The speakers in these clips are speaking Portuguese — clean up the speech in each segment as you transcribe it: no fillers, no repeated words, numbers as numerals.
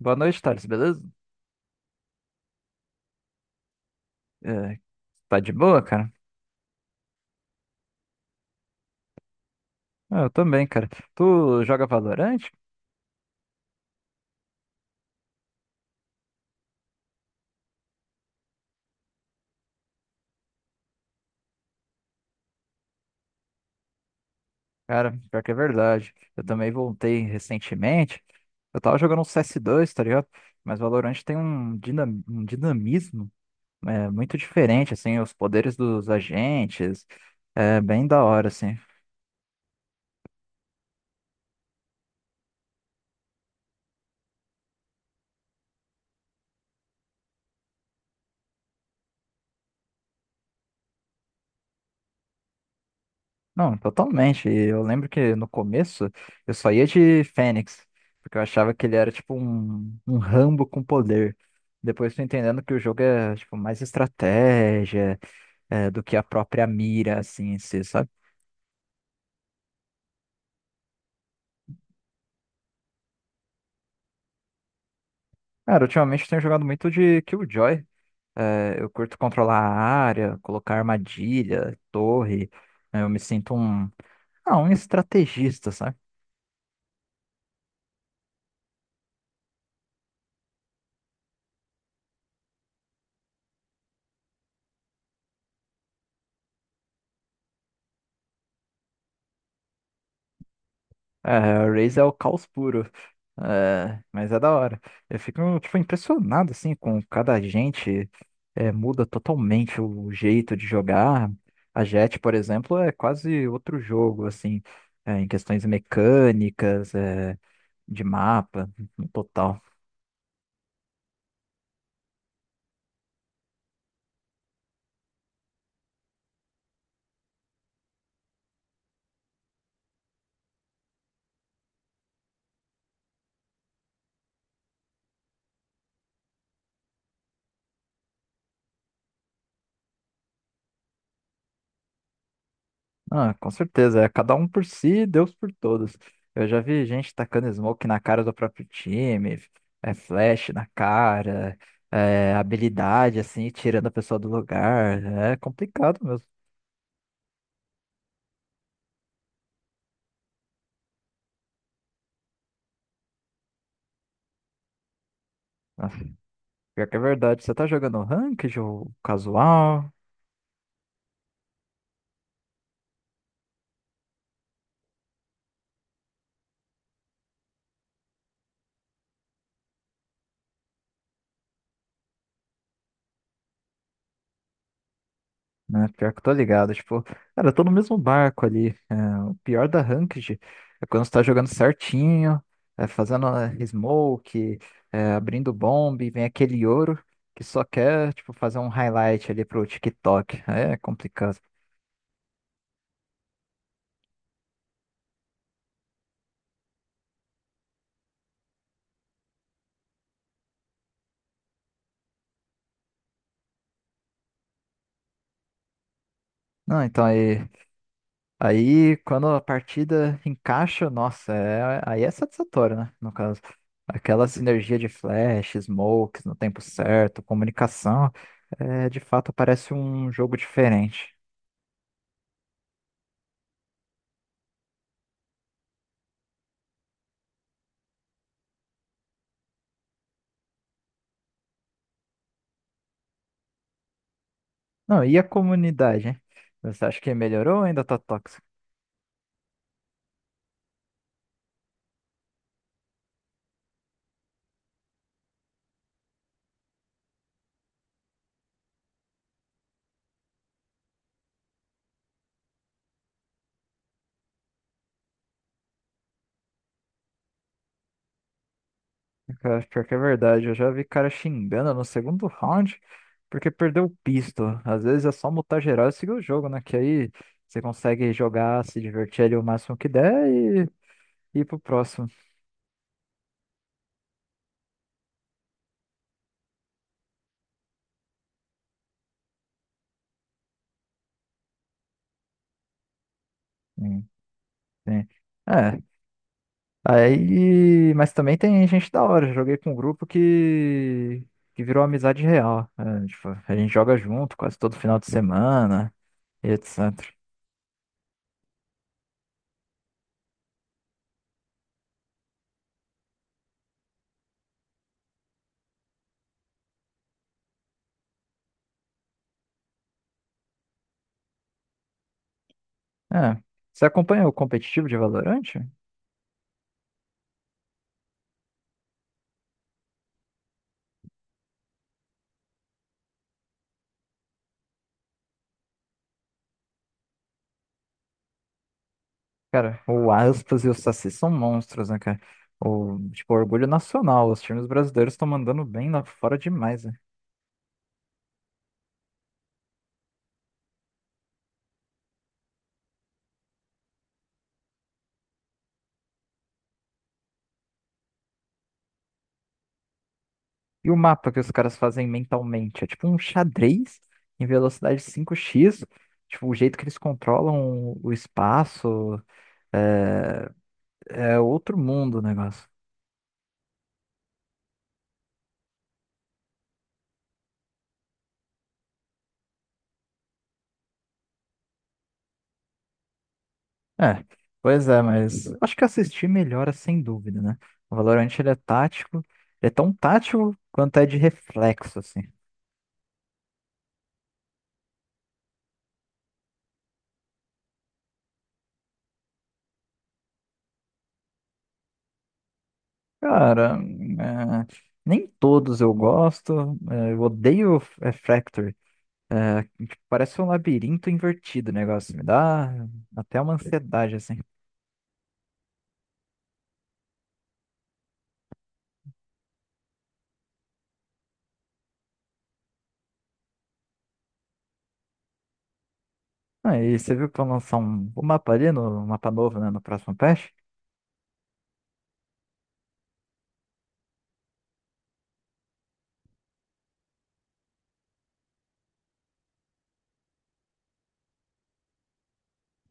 Boa noite, Thales, beleza? É, tá de boa, cara? Ah, eu também, cara. Tu joga Valorante? Cara, pior que é verdade. Eu também voltei recentemente. Eu tava jogando um CS2, tá ligado? Mas Valorante tem um dinamismo muito diferente, assim, os poderes dos agentes. É bem da hora, assim. Não, totalmente. E eu lembro que no começo eu só ia de Fênix, porque eu achava que ele era tipo um Rambo com poder. Depois tô entendendo que o jogo é tipo mais estratégia do que a própria mira, assim, em si, sabe? Cara, ultimamente eu tenho jogado muito de Killjoy. É, eu curto controlar a área, colocar armadilha, torre. Né? Eu me sinto um estrategista, sabe? É, o Raze é o caos puro. É, mas é da hora. Eu fico, tipo, impressionado, assim, com cada gente. É, muda totalmente o jeito de jogar. A Jet, por exemplo, é quase outro jogo, assim, em questões mecânicas, de mapa, no total. Ah, com certeza. É cada um por si, Deus por todos. Eu já vi gente tacando smoke na cara do próprio time, é flash na cara, é habilidade assim, tirando a pessoa do lugar. É complicado mesmo. Ah, pior que é verdade. Você tá jogando ranked ou casual? Né? Pior que eu tô ligado, tipo, cara, eu tô no mesmo barco ali. É, o pior da Ranked é quando você tá jogando certinho, fazendo smoke, abrindo bomb, e vem aquele ouro que só quer, tipo, fazer um highlight ali pro TikTok. Aí é complicado. Não, então aí, quando a partida encaixa, nossa, aí é satisfatório, né? No caso. Aquela sinergia de flash, smokes no tempo certo, comunicação, de fato parece um jogo diferente. Não, e a comunidade, hein? Você acha que melhorou ou ainda tá tóxico? Cara, pior que é verdade, eu já vi cara xingando no segundo round porque perdeu o pisto. Às vezes é só mutar geral e seguir o jogo, né? Que aí você consegue jogar, se divertir ali o máximo que der e ir pro próximo. Sim, sim. É, aí. Mas também tem gente da hora. Eu joguei com um grupo que virou amizade real. É, tipo, a gente joga junto quase todo final de semana e etc. É. Você acompanha o competitivo de Valorant? Cara, o Aspas e o Saci são monstros, né, cara? O, tipo, orgulho nacional. Os times brasileiros estão mandando bem lá fora demais, né? E o mapa que os caras fazem mentalmente? É tipo um xadrez em velocidade 5x. Tipo, o jeito que eles controlam o espaço. É, é outro mundo o negócio. É, pois é, mas acho que assistir melhora sem dúvida, né? O Valorant ele é tático, ele é tão tático quanto é de reflexo, assim. Cara, nem todos eu gosto, é, eu odeio é, Fracture. É, tipo, parece um labirinto invertido o negócio, me dá até uma ansiedade, assim. Ah, e você viu que vão lançar um mapa ali, no, um mapa novo, né, no próximo patch?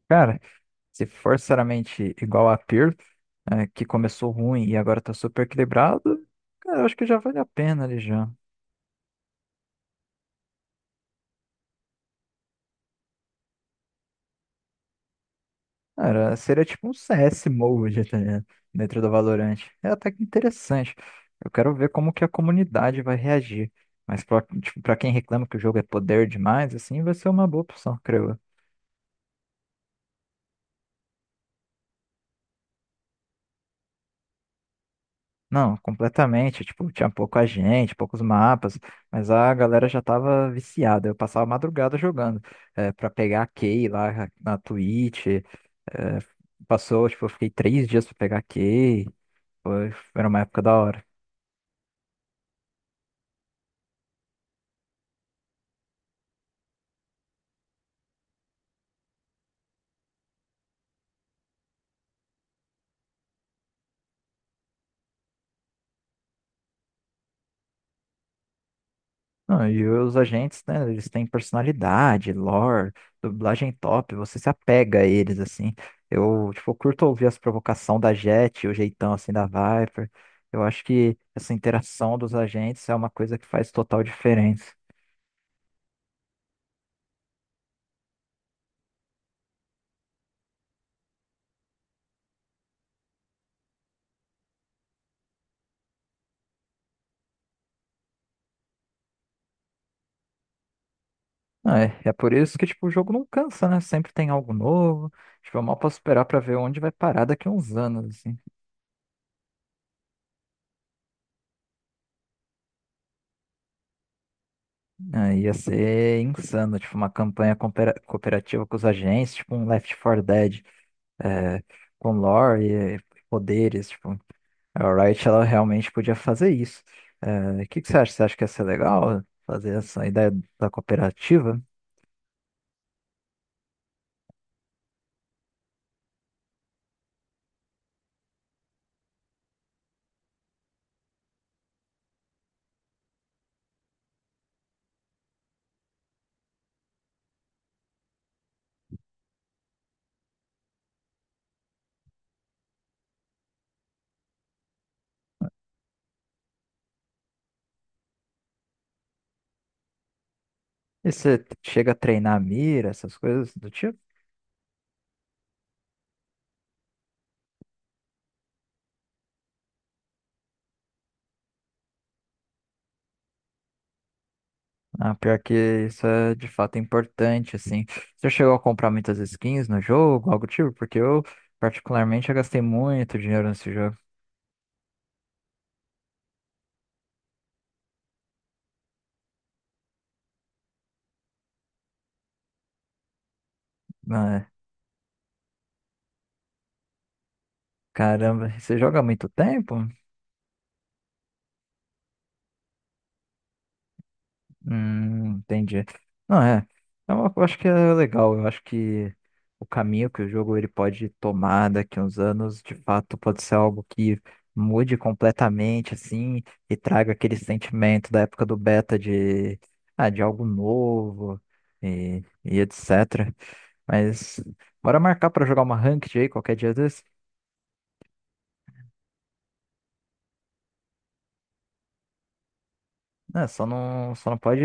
Cara, Se forçaramente igual a Pearl, que começou ruim e agora tá super equilibrado, cara, eu acho que já vale a pena ali já. Cara, seria tipo um CS mode, tá ligado? Dentro do Valorant. É até que interessante. Eu quero ver como que a comunidade vai reagir. Mas tipo, pra quem reclama que o jogo é poder demais, assim, vai ser uma boa opção, creio eu. Não, completamente. Tipo, tinha pouca gente, poucos mapas, mas a galera já tava viciada. Eu passava a madrugada jogando, pra pegar a Kay lá na Twitch. é, passou, tipo, eu fiquei 3 dias pra pegar a Kay. Foi, era uma época da hora. Não, e os agentes, né, eles têm personalidade, lore, dublagem top, você se apega a eles, assim. Eu, tipo, curto ouvir as provocações da Jet, o jeitão, assim, da Viper. Eu acho que essa interação dos agentes é uma coisa que faz total diferença. Ah, é por isso que, tipo, o jogo não cansa, né? Sempre tem algo novo. Tipo, eu mal posso esperar pra ver onde vai parar daqui a uns anos, assim. Ah, ia ser insano, tipo, uma campanha cooperativa com os agentes, tipo um Left 4 Dead. é, com lore e poderes, tipo, a Riot ela realmente podia fazer isso. É, o que que você acha? Você acha que ia ser legal fazer essa ideia da cooperativa? E você chega a treinar a mira, essas coisas do tipo? Ah, pior que isso é de fato importante, assim. Você chegou a comprar muitas skins no jogo, algo do tipo? Porque eu, particularmente, já gastei muito dinheiro nesse jogo. Ah, é. Caramba, você joga há muito tempo? Entendi. Não, é. Eu acho que é legal. Eu acho que o caminho que o jogo ele pode tomar daqui a uns anos, de fato, pode ser algo que mude completamente, assim, e traga aquele sentimento da época do beta de algo novo e, etc. Mas bora marcar pra jogar uma ranked aí qualquer dia desse. Né, só não pode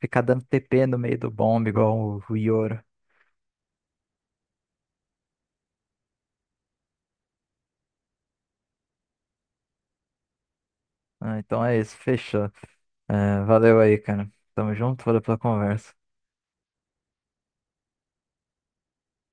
ficar dando TP no meio do bombe igual o Yoro. Ah, então é isso, fechou. É, valeu aí, cara. Tamo junto, valeu pela conversa.